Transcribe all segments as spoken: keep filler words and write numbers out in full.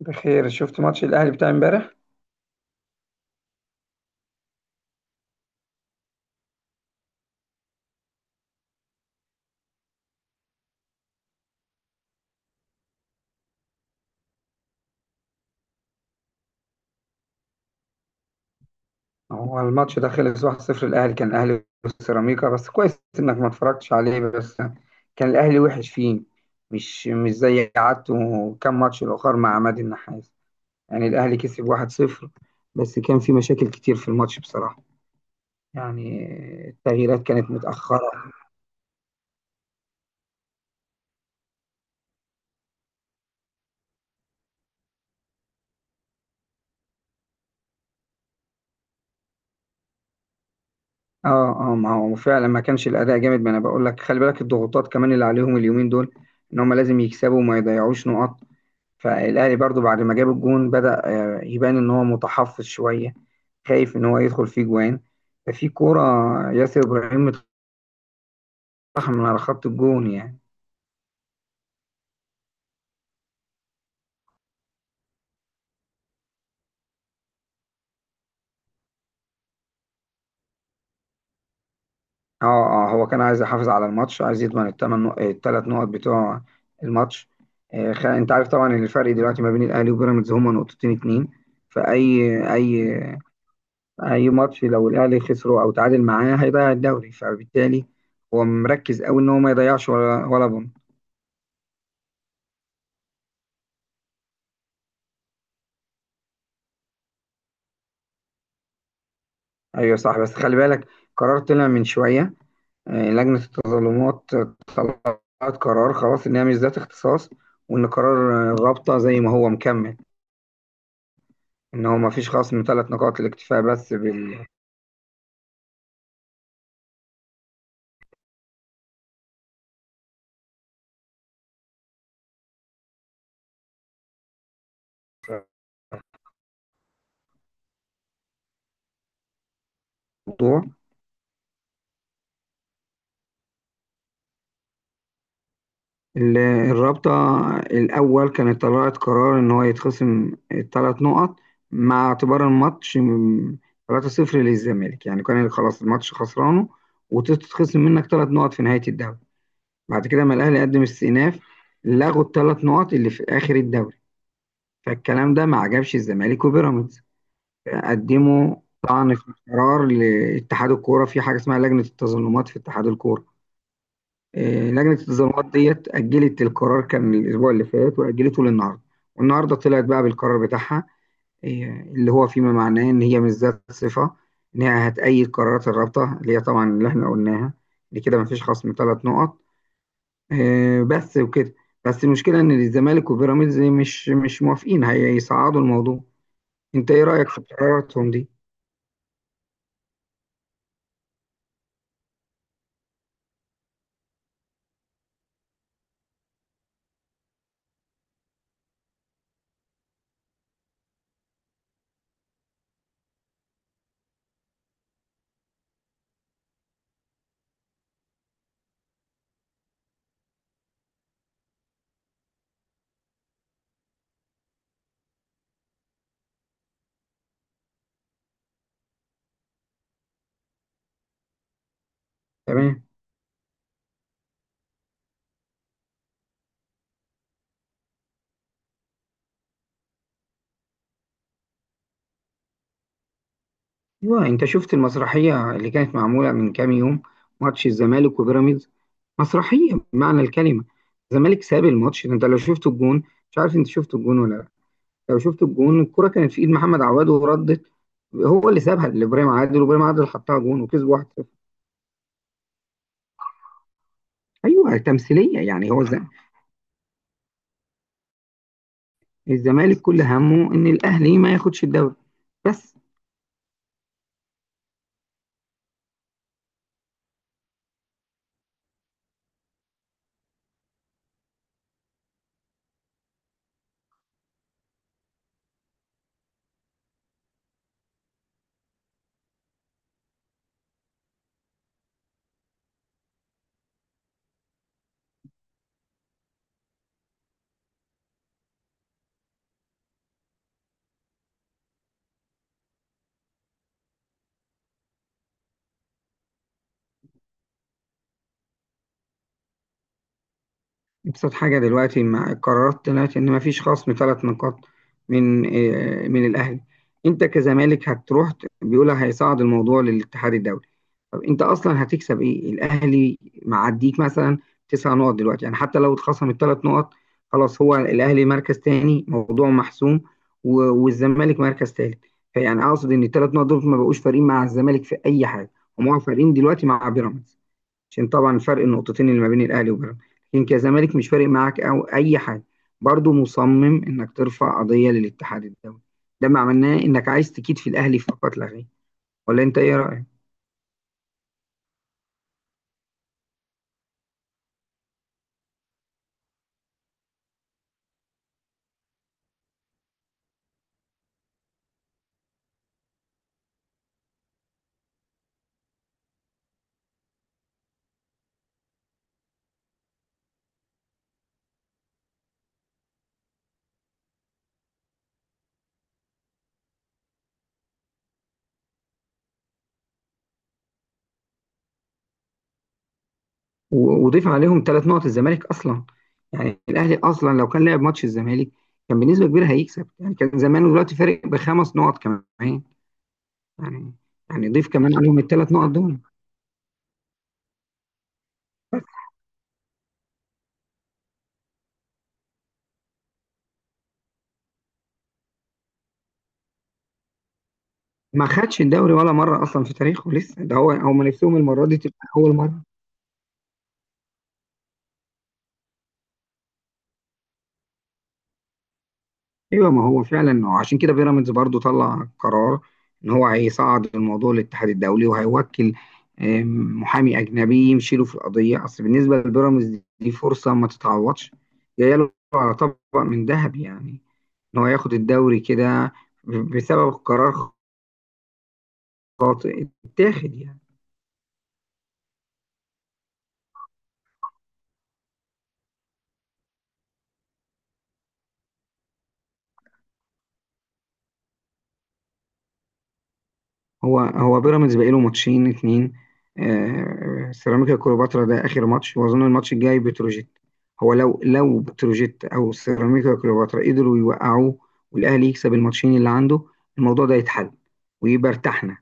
بخير. شفت ماتش الاهلي بتاع امبارح؟ هو الماتش ده خلص واحد صفر. الاهلي، كان الاهلي وسيراميكا. بس كويس انك ما اتفرجتش عليه، بس كان الاهلي وحش فيه، مش مش زي عادته كام ماتش الاخر مع عماد النحاس. يعني الاهلي كسب واحد صفر، بس كان في مشاكل كتير في الماتش بصراحة. يعني التغييرات كانت متأخرة. اه، اه، ما هو فعلا ما كانش الاداء جامد. ما انا بقول لك خلي بالك الضغوطات كمان اللي عليهم اليومين دول، ان هم لازم يكسبوا وما يضيعوش نقط. فالاهلي برضو بعد ما جاب الجون بدأ آه، يبان ان هو متحفظ شويه، خايف ان هو يدخل فيه جوان. ففي كوره، ياسر ابراهيم اتطحن من على خط الجون يعني. اه، اه، هو كان عايز يحافظ على الماتش، عايز يضمن الثمان نق... الثلاث نقط بتوع الماتش. آه خ... انت عارف طبعا إن الفرق دلوقتي ما بين الاهلي وبيراميدز هما نقطتين اتنين. فاي اي اي ماتش لو الاهلي خسره او تعادل معاه هيضيع الدوري. فبالتالي هو مركز قوي ان هو ما يضيعش ولا ولا بونت. ايوه صح، بس خلي بالك، قرار طلع من شويه. آه، لجنه التظلمات طلعت قرار خلاص ان هي مش ذات اختصاص، وان قرار آه، الرابطه زي ما هو مكمل، ان هو ما فيش خصم ثلاث نقاط، الاكتفاء بس بالموضوع. ال- الرابطه الاول كانت طلعت قرار ان هو يتخصم الثلاث نقط، مع اعتبار الماتش م- ثلاثة صفر للزمالك. يعني كان خلاص الماتش خسرانه، وتتخصم منك ثلاث نقط في نهايه الدوري. بعد كده ما الاهلي قدم استئناف، لغوا الثلاث نقط اللي في اخر الدوري. فالكلام ده ما عجبش الزمالك وبيراميدز، قدموا طعن في قرار لاتحاد الكوره، في حاجه اسمها لجنه التظلمات في اتحاد الكوره. آه، لجنه التظلمات ديت اجلت القرار كان الاسبوع اللي فات، واجلته للنهارده. والنهارده طلعت بقى بالقرار بتاعها، آه، اللي هو فيما معناه ان هي مش ذات صفه، ان هي هتأيد قرارات الرابطه اللي هي طبعا اللي احنا قلناها. دي كده مفيش خصم ثلاث نقط، آه، بس وكده. بس المشكلة إن الزمالك وبيراميدز مش مش موافقين، هيصعدوا الموضوع. أنت إيه رأيك في قراراتهم دي؟ تمام. أيوه، أنت شفت المسرحية اللي كانت معمولة من كام يوم؟ ماتش الزمالك وبيراميدز، مسرحية بمعنى الكلمة. الزمالك ساب الماتش ده، أنت لو شفت الجون. مش عارف أنت شفت الجون ولا لأ. لو شفت الجون، الكرة كانت في إيد محمد عواد وردت. هو اللي سابها لإبراهيم عادل، وإبراهيم عادل حطها جون وكسبوا واحد صفر. أيوه تمثيلية يعني. هو الزمالك كل همه ان الاهلي ما ياخدش الدوري بس. ابسط حاجه دلوقتي مع القرارات، طلعت ان ما فيش خصم ثلاث نقاط من آه، من الاهلي. انت كزمالك هتروح ت- بيقول هيصعد الموضوع للاتحاد الدولي. طب انت اصلا هتكسب ايه؟ الاهلي معديك مثلا تسع نقط دلوقتي، يعني حتى لو اتخصم الثلاث نقط، خلاص هو الاهلي مركز تاني موضوع محسوم، و- والزمالك مركز تالت. فيعني اقصد ان الثلاث نقط دول ما بقوش فارقين مع الزمالك في اي حاجه، هم فارقين دلوقتي مع بيراميدز، عشان طبعا فرق النقطتين اللي ما بين الاهلي وبيراميدز. لكن كزمالك مش فارق معاك او اي حاجه، برضه مصمم انك ترفع قضيه للاتحاد الدولي. ده ما معناه انك عايز تكيد في الاهلي فقط لا غير. ولا انت ايه رايك؟ و- وضيف عليهم ثلاث نقط الزمالك اصلا. يعني الاهلي اصلا لو كان لعب ماتش الزمالك كان بنسبه كبيره هيكسب، يعني كان زمانه دلوقتي فارق بخمس نقط كمان، يعني يعني ضيف كمان عليهم الثلاث نقط دول. ما خدش الدوري ولا مره اصلا في تاريخه لسه، ده هو هم نفسهم المره دي تبقى اول مره. ايوه، ما هو فعلا. عشان كده بيراميدز برضو طلع قرار ان هو هيصعد الموضوع للاتحاد الدولي، وهيوكل آم، محامي اجنبي يمشي له في القضيه. اصل بالنسبه لبيراميدز دي فرصه ما تتعوضش، جايه له على طبق من ذهب يعني، ان هو ياخد الدوري كده بسبب قرار خاطئ اتاخد يعني. هو هو بيراميدز باقي له ماتشين اتنين، آه، سيراميكا كليوباترا ده اخر ماتش، واظن الماتش الجاي بتروجيت. هو لو لو بتروجيت او سيراميكا كليوباترا قدروا يوقعوه، والاهلي يكسب الماتشين اللي عنده، الموضوع ده يتحل ويبقى ارتحنا.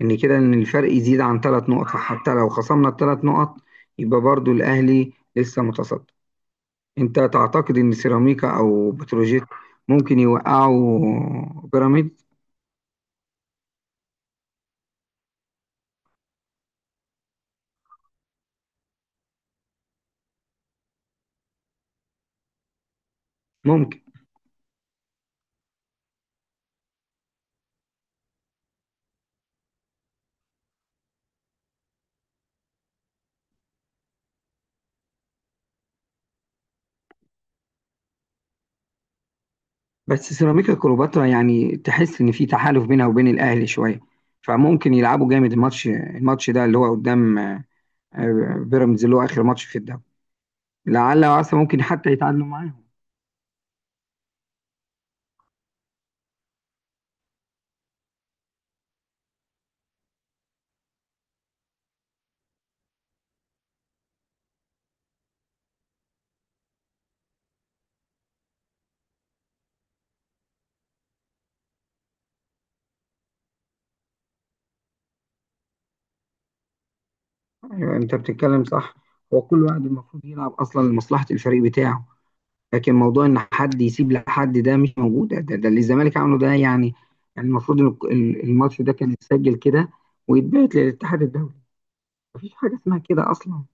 ان كده ان الفرق يزيد عن ثلاث نقط، فحتى لو خصمنا الثلاث نقط يبقى برضو الاهلي لسه متصدر. انت تعتقد ان سيراميكا او بتروجيت ممكن يوقعوا بيراميدز؟ ممكن، بس سيراميكا كليوباترا يعني تحس ان في تحالف بينها وبين الاهلي شويه، فممكن يلعبوا جامد الماتش الماتش ده اللي هو قدام آه، بيراميدز، اللي هو اخر ماتش في الدوري. لعل وعسى ممكن حتى يتعادلوا معاهم. أيوة، انت بتتكلم صح. هو كل واحد المفروض يلعب اصلا لمصلحه الفريق بتاعه، لكن موضوع ان حد يسيب لحد ده مش موجود، ده, ده اللي الزمالك عمله ده يعني. يعني المفروض ان ال- الماتش ده كان يتسجل كده، ويتبعت للاتحاد الدولي. مفيش حاجه اسمها كده اصلا.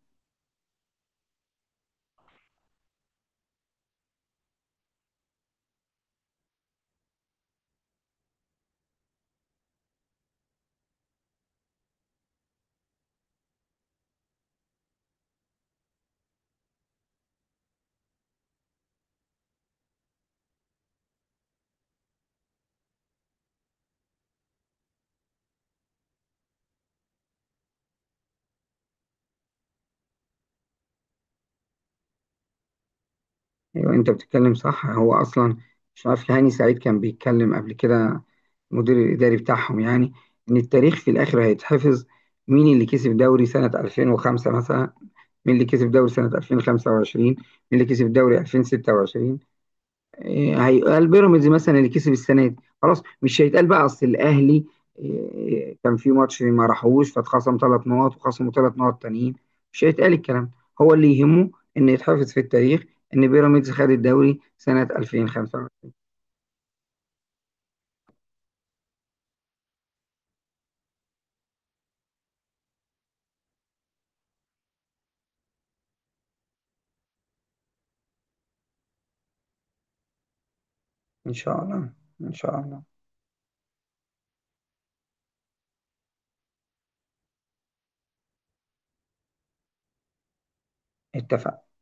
ايوه، انت بتتكلم صح. هو اصلا مش عارف، هاني سعيد كان بيتكلم قبل كده، المدير الاداري بتاعهم يعني، ان التاريخ في الاخر هيتحفظ. مين اللي كسب دوري سنه ألفين وخمسة مثلا، مين اللي كسب دوري سنه ألفين وخمسة وعشرين، مين اللي كسب دوري ألفين وستة وعشرين. إيه، هيقال بيراميدز مثلا اللي كسب السنه دي. خلاص مش هيتقال بقى اصل الاهلي إيه، كان في ماتش ما راحوش فاتخصم ثلاث نقط وخصموا ثلاث نقط تانيين. مش هيتقال الكلام ده. هو اللي يهمه ان يتحفظ في التاريخ ان بيراميدز خد الدوري سنه ألفين وخمسة. ان شاء الله، ان شاء الله. اتفقنا.